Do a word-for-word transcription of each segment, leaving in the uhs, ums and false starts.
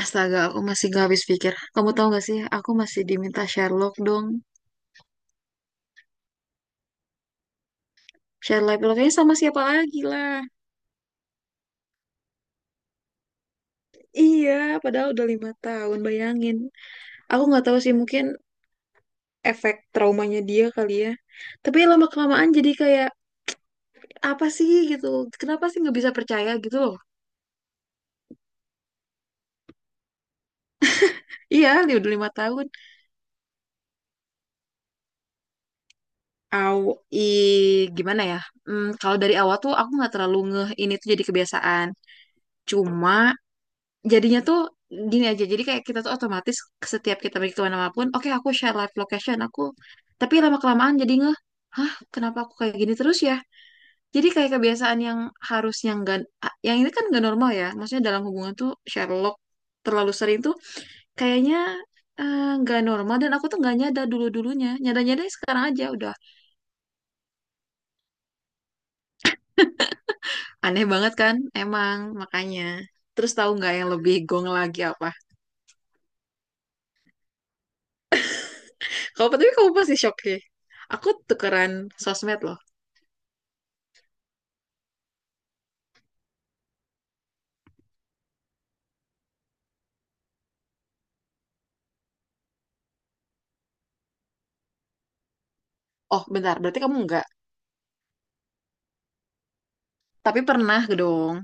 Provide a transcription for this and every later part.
Astaga, aku masih gak habis pikir. Kamu tahu gak sih, aku masih diminta Sherlock dong. Sherlock Sherlocknya sama siapa lagi lah. Iya, padahal udah lima tahun, bayangin. Aku nggak tahu sih, mungkin efek traumanya dia kali ya. Tapi lama-kelamaan jadi kayak, apa sih gitu? Kenapa sih nggak bisa percaya gitu loh? Iya, dia udah lima tahun. Aw, i, gimana ya? Hmm, kalau dari awal tuh aku nggak terlalu ngeh ini tuh jadi kebiasaan. Cuma jadinya tuh gini aja, jadi kayak kita tuh otomatis setiap kita pergi kemana pun, oke aku share live location aku. Tapi lama kelamaan jadi ngeh, hah, kenapa aku kayak gini terus ya? Jadi kayak kebiasaan yang harusnya nggak. Ah, yang ini kan nggak normal ya, maksudnya dalam hubungan tuh share log terlalu sering tuh kayaknya eh, nggak normal. Dan aku tuh nggak nyadar dulu dulunya, nyadar nyadar sekarang aja udah aneh banget kan, emang makanya. Terus tahu nggak yang lebih gong lagi apa? Kalau tapi kamu pasti shock sih, aku tukeran sosmed loh. Oh, bentar. Berarti kamu enggak. Tapi pernah dong.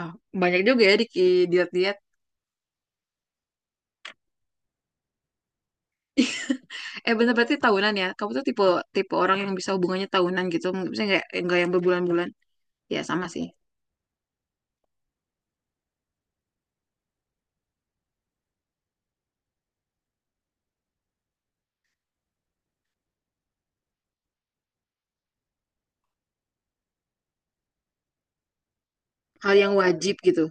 Oh, banyak juga ya di di- diet-diet. Eh, bentar, berarti tahunan ya. Kamu tuh tipe tipe orang yang bisa hubungannya tahunan gitu. Maksudnya enggak enggak yang berbulan-bulan. Ya, sama sih. Hal yang wajib gitu.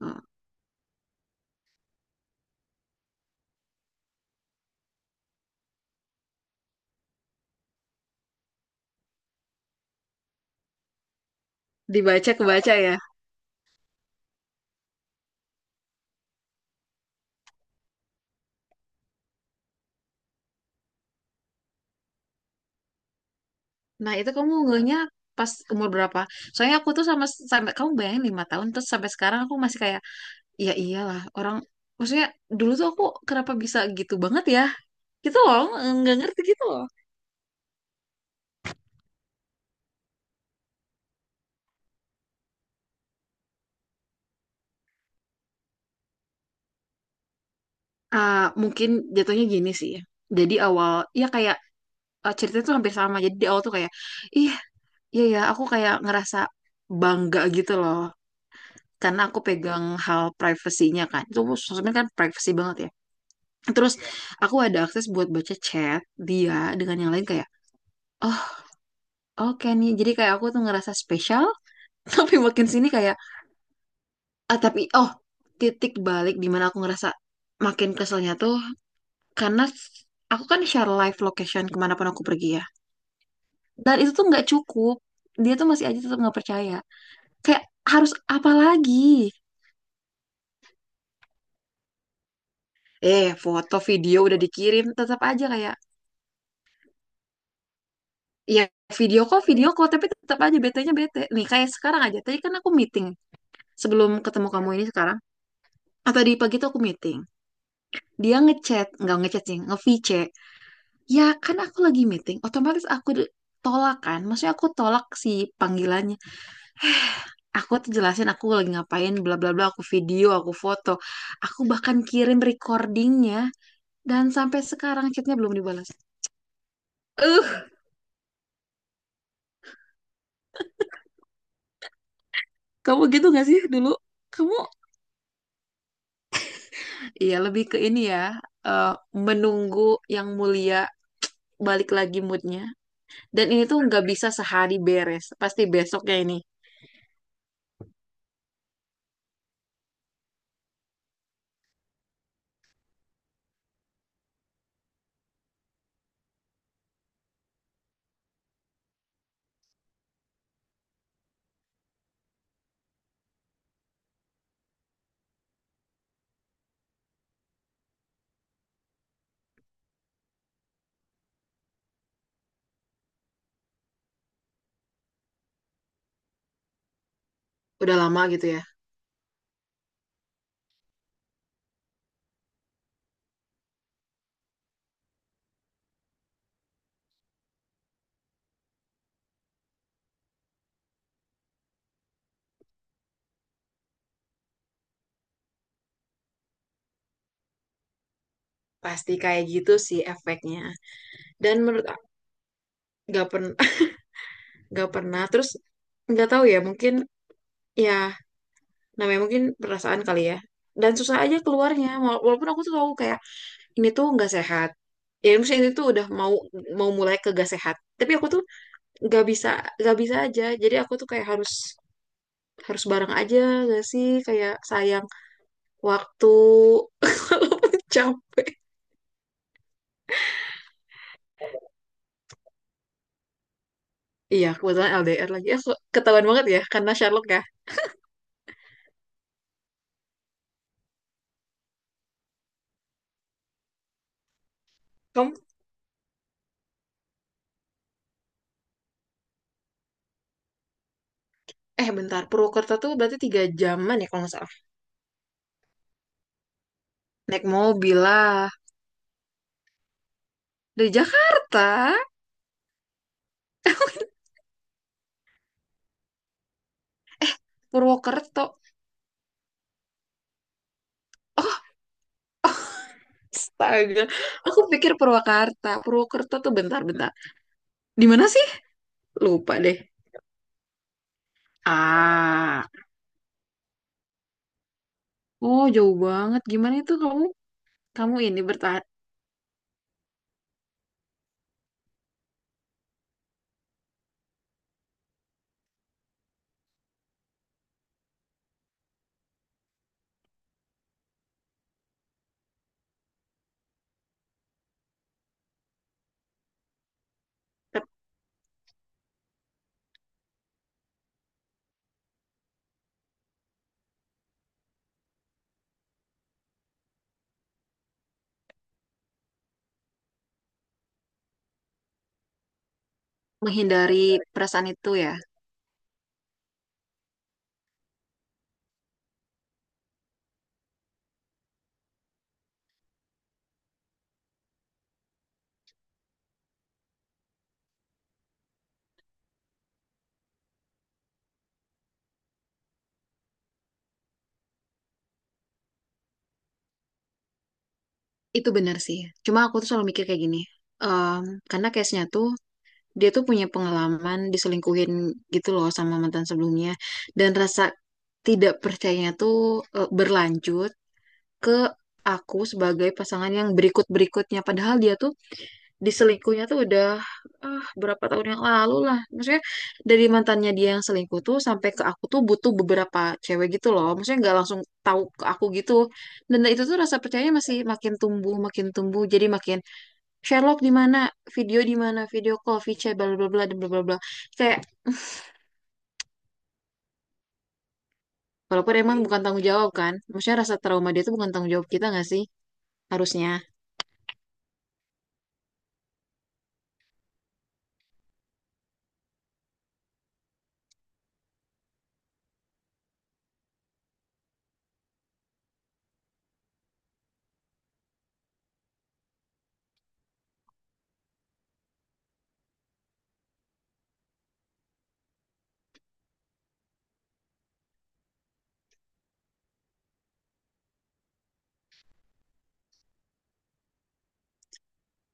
Oh, dibaca kebaca ya. Nah, itu kamu ngehnya pas umur berapa? Soalnya aku tuh sama, sampai kamu bayangin lima tahun terus sampai sekarang aku masih kayak, "Ya, iya iyalah orang, maksudnya dulu tuh aku, kenapa bisa gitu banget ya?" Gitu loh, nggak ngerti gitu loh. Ah, mungkin jatuhnya gini sih ya. Jadi awal ya kayak, eh, ceritanya tuh hampir sama. Jadi di awal tuh kayak, ih, iya ya aku kayak ngerasa bangga gitu loh, karena aku pegang hal privasinya kan. Itu sosmed kan privasi banget ya. Terus aku ada akses buat baca chat dia dengan yang lain kayak, oh, oke nih. Jadi kayak aku tuh ngerasa spesial. Tapi makin sini kayak, ah, tapi, oh, titik balik di mana aku ngerasa makin keselnya tuh karena aku kan share live location kemanapun aku pergi ya. Dan itu tuh nggak cukup. Dia tuh masih aja tetap nggak percaya. Kayak, harus apa lagi? Eh, foto video udah dikirim, tetap aja kayak, ya, video kok, video kok, tapi tetap aja betenya bete. Nih kayak sekarang aja. Tadi kan aku meeting sebelum ketemu kamu ini sekarang. Atau di pagi tuh aku meeting. Dia ngechat, nggak ngechat sih, nge-V C. Ya kan aku lagi meeting, otomatis aku di- tolak kan. Maksudnya aku tolak si panggilannya. Aku tuh jelasin aku lagi ngapain, bla bla bla, aku video, aku foto, aku bahkan kirim recordingnya, dan sampai sekarang chatnya belum dibalas. Eh, kamu gitu gak sih dulu? Kamu, iya, lebih ke ini ya, eh, menunggu yang mulia balik lagi moodnya. Dan ini tuh nggak bisa sehari beres, pasti besoknya ini udah lama gitu ya. Pasti kayak gitu sih efeknya. Dan menurut aku nggak pernah. Nggak pernah terus, nggak tahu ya, mungkin ya, namanya mungkin perasaan kali ya. Dan susah aja keluarnya. Wala- walaupun aku tuh tahu kayak ini tuh nggak sehat, ya maksudnya ini tuh udah mau mau mulai ke gak sehat, tapi aku tuh nggak bisa nggak bisa aja. Jadi aku tuh kayak harus harus bareng aja gak sih? Kayak sayang waktu. Jam, iya kebetulan L D R lagi, aku ketahuan banget ya karena Sherlock ya. Kamu, eh bentar, Purwokerto tuh berarti tiga jaman ya kalau nggak salah. Naik mobil lah. Dari Jakarta. Purwokerto. Astaga, aku pikir Purwakarta. Purwakarta tuh bentar-bentar. Di mana sih? Lupa deh. Ah, oh jauh banget. Gimana itu kamu? Kamu ini bertahan, ter- menghindari perasaan itu ya? Itu benar sih. Cuma aku tuh selalu mikir kayak gini. Em, karena case-nya tuh dia tuh punya pengalaman diselingkuhin gitu loh, sama mantan sebelumnya. Dan rasa tidak percayanya tuh, eh, berlanjut ke aku sebagai pasangan yang berikut-berikutnya. Padahal dia tuh diselingkuhnya tuh udah, ah, berapa tahun yang lalu lah. Maksudnya dari mantannya dia yang selingkuh tuh sampai ke aku tuh butuh beberapa cewek gitu loh. Maksudnya nggak langsung tahu ke aku gitu. Dan itu tuh rasa percayanya masih makin tumbuh, makin tumbuh. Jadi makin Sherlock di mana, video di mana, video call, VChat, bla bla bla, dan bla bla bla. Kayak walaupun emang bukan tanggung jawab kan. Maksudnya rasa trauma dia tuh bukan tanggung jawab kita nggak sih? Harusnya.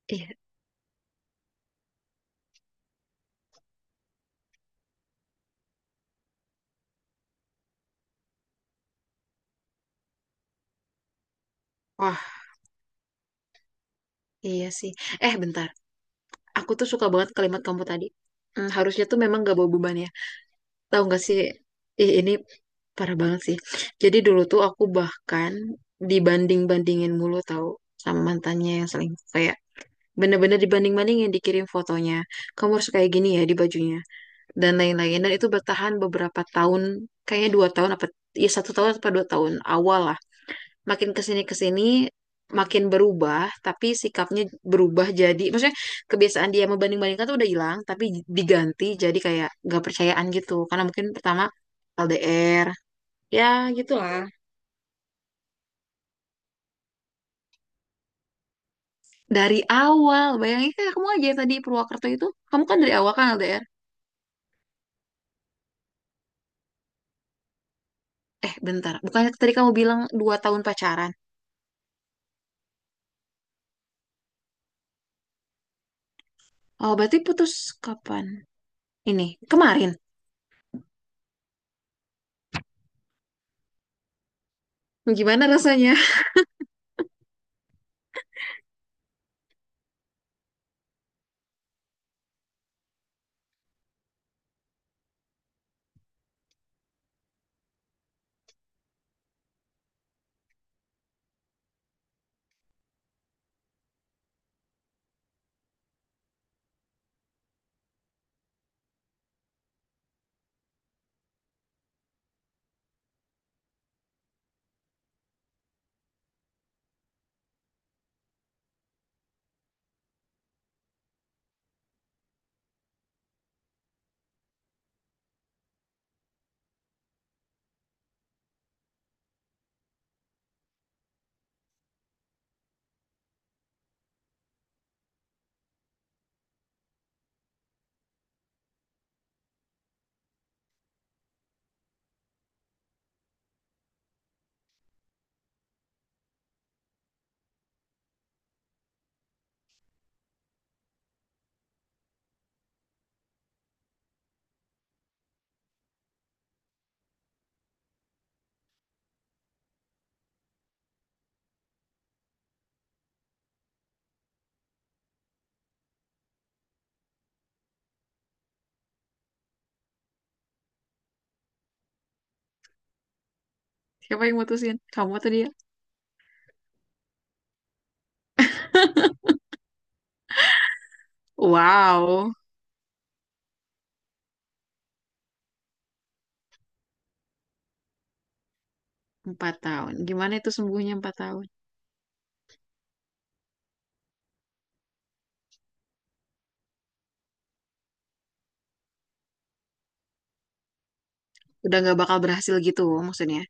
Iya. Wah, iya sih. Eh, bentar. Aku tuh suka banget kalimat kamu tadi. Hmm, harusnya tuh memang gak bawa beban. Tahu nggak sih? Ih, ini parah banget sih. Jadi dulu tuh aku bahkan dibanding-bandingin mulu tahu, sama mantannya yang selingkuh. Kayak bener-bener dibanding-bandingin, dikirim fotonya. Kamu harus kayak gini ya di bajunya dan lain-lain. Dan itu bertahan beberapa tahun, kayaknya dua tahun apa ya, satu tahun apa dua tahun awal. Makin kesini kesini makin berubah, tapi sikapnya berubah, jadi maksudnya kebiasaan dia membanding-bandingkan tuh udah hilang, tapi diganti jadi kayak nggak percayaan gitu karena mungkin pertama L D R ya gitulah. Dari awal bayangin kayak kamu aja yang tadi Purwakarta itu, kamu kan dari awal kan L D R. Eh bentar, bukannya tadi kamu bilang dua tahun pacaran? Oh berarti putus kapan ini, kemarin? Gimana rasanya? Siapa yang mutusin, kamu atau dia? Wow. Empat tahun. Gimana itu sembuhnya empat tahun? Udah nggak bakal berhasil gitu maksudnya.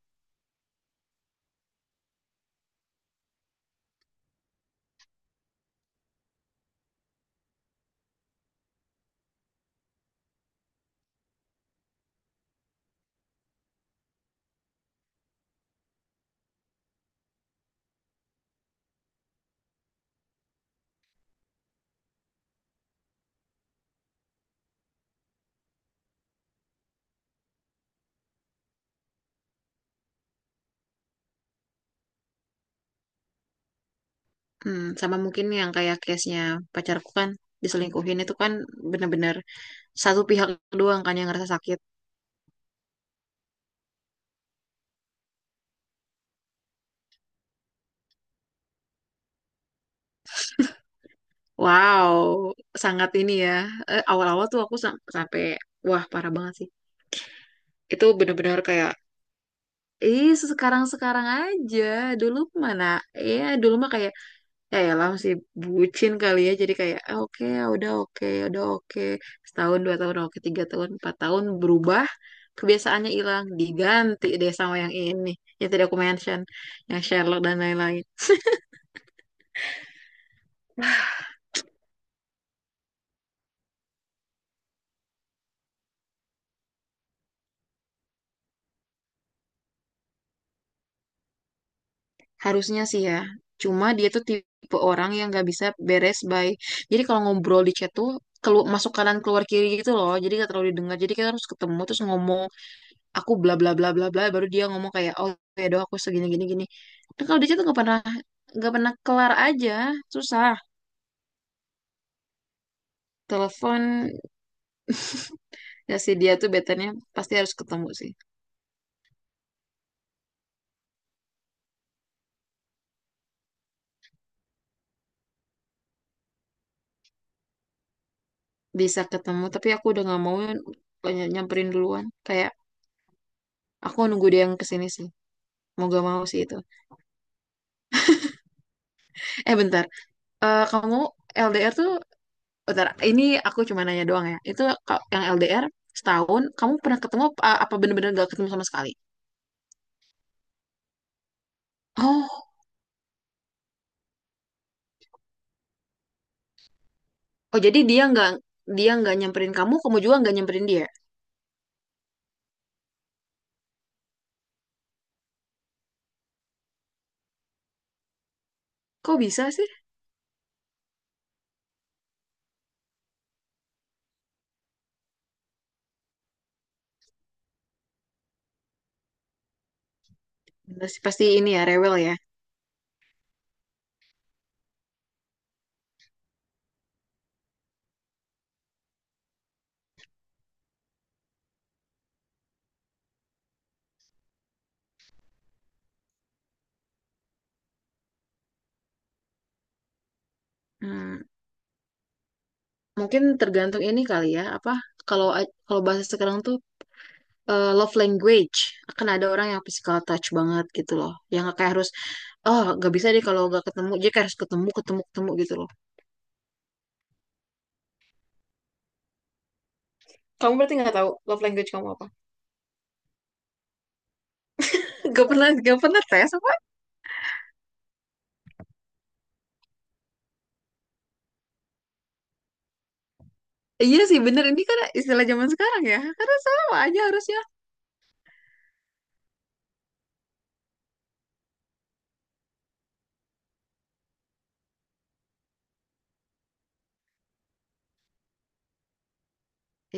Hmm, sama mungkin yang kayak case-nya pacarku kan diselingkuhin itu kan, bener-bener satu pihak doang kan yang ngerasa sakit. Wow, sangat ini ya. Eh, awal-awal tuh aku sam- sampai, wah parah banget sih. Itu bener-bener kayak, ih, sekarang-sekarang aja. Dulu mana? Ya, dulu mah kayak, ya lah masih bucin kali ya. Jadi kayak, "Ah, oke ya udah, oke ya udah, oke setahun dua tahun oke tiga tahun empat tahun berubah." Kebiasaannya hilang, diganti deh sama yang ini, yang tadi aku mention, yang Sherlock dan lain-lain. Harusnya sih ya. Cuma dia tuh tipe orang yang gak bisa beres by, jadi kalau ngobrol di chat tuh kelu masuk kanan keluar kiri gitu loh, jadi gak terlalu didengar. Jadi kita harus ketemu terus ngomong, aku bla bla bla bla bla, baru dia ngomong kayak, oh ya doa aku segini gini gini. Nah, kalau di situ nggak pernah, nggak pernah kelar aja, susah. Telepon, ya si dia tuh betanya pasti harus ketemu sih. Bisa ketemu tapi aku udah nggak mau ny- nyamperin duluan. Kayak aku nunggu dia yang kesini sih, mau gak mau sih itu. Eh bentar. Eh, kamu L D R tuh bentar ini, aku cuma nanya doang ya itu ka- yang L D R setahun, kamu pernah ketemu apa apa, bener-bener gak ketemu sama sekali? Oh. Oh jadi dia nggak, dia nggak nyamperin kamu, kamu juga nggak nyamperin dia. Kok bisa sih? Pasti, pasti ini ya rewel ya. Hmm, Mungkin tergantung ini kali ya apa, kalau kalau bahasa sekarang tuh, eh, love language. Akan ada orang yang physical touch banget gitu loh, yang kayak harus, oh nggak bisa deh kalau nggak ketemu, dia kayak harus ketemu ketemu ketemu gitu loh. Kamu berarti nggak tahu love language kamu apa? Gak pernah gak pernah tes apa? Iya sih bener, ini kan istilah zaman sekarang ya. Karena sama aja harusnya.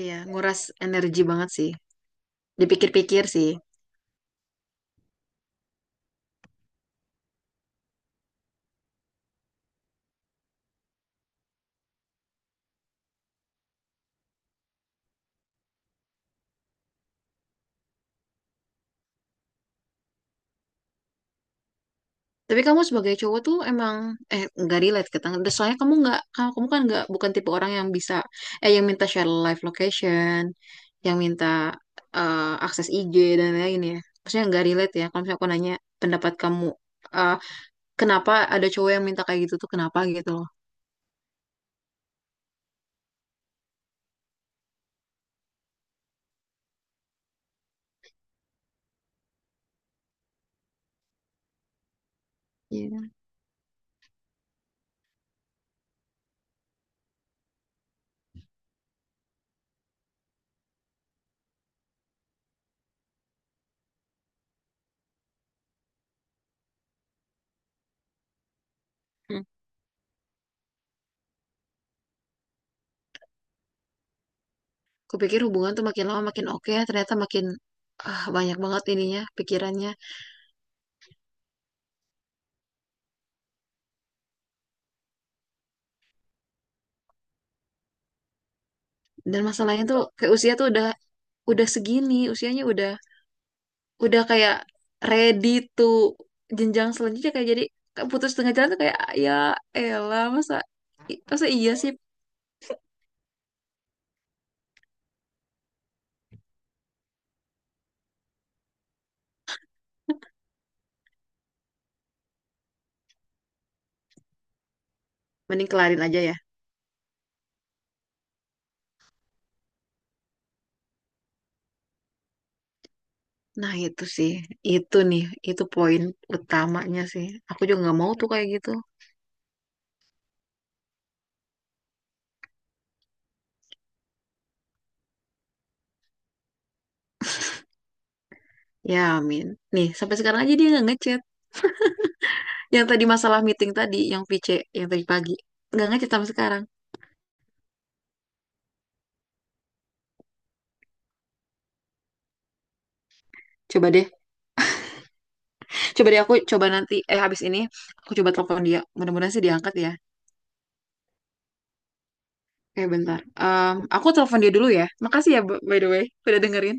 Iya, nguras energi banget sih. Dipikir-pikir sih. Tapi kamu sebagai cowok tuh emang, eh nggak relate ke tangga. Soalnya kamu nggak kamu, kamu kan nggak bukan tipe orang yang bisa, eh yang minta share live location, yang minta, eh, akses I G dan lain-lain ya. Maksudnya nggak relate ya. Kalau misalnya aku nanya pendapat kamu, eh, kenapa ada cowok yang minta kayak gitu tuh kenapa gitu loh? Iya. Hmm. Kupikir hubungan tuh makin lama makin oke ya, ternyata makin, ah, banyak banget ininya pikirannya. Dan masalahnya tuh kayak usia tuh udah udah segini, usianya udah udah kayak ready to jenjang selanjutnya. Kayak jadi kayak putus tengah jalan tuh kayak, ya elah masa, i- masa iya sih, mending kelarin aja ya. Nah itu sih, itu nih, itu poin utamanya sih, aku juga nggak mau tuh kayak gitu. Ya amin. Nih sampai sekarang aja dia nggak ngechat, yang tadi masalah meeting tadi yang V C, yang tadi pagi, nggak ngechat sampai sekarang. Coba deh, coba deh aku coba nanti, eh habis ini aku coba telepon dia, mudah-mudahan sih diangkat ya. Eh bentar. Em, aku telepon dia dulu ya. Makasih ya, b- by the way, udah dengerin.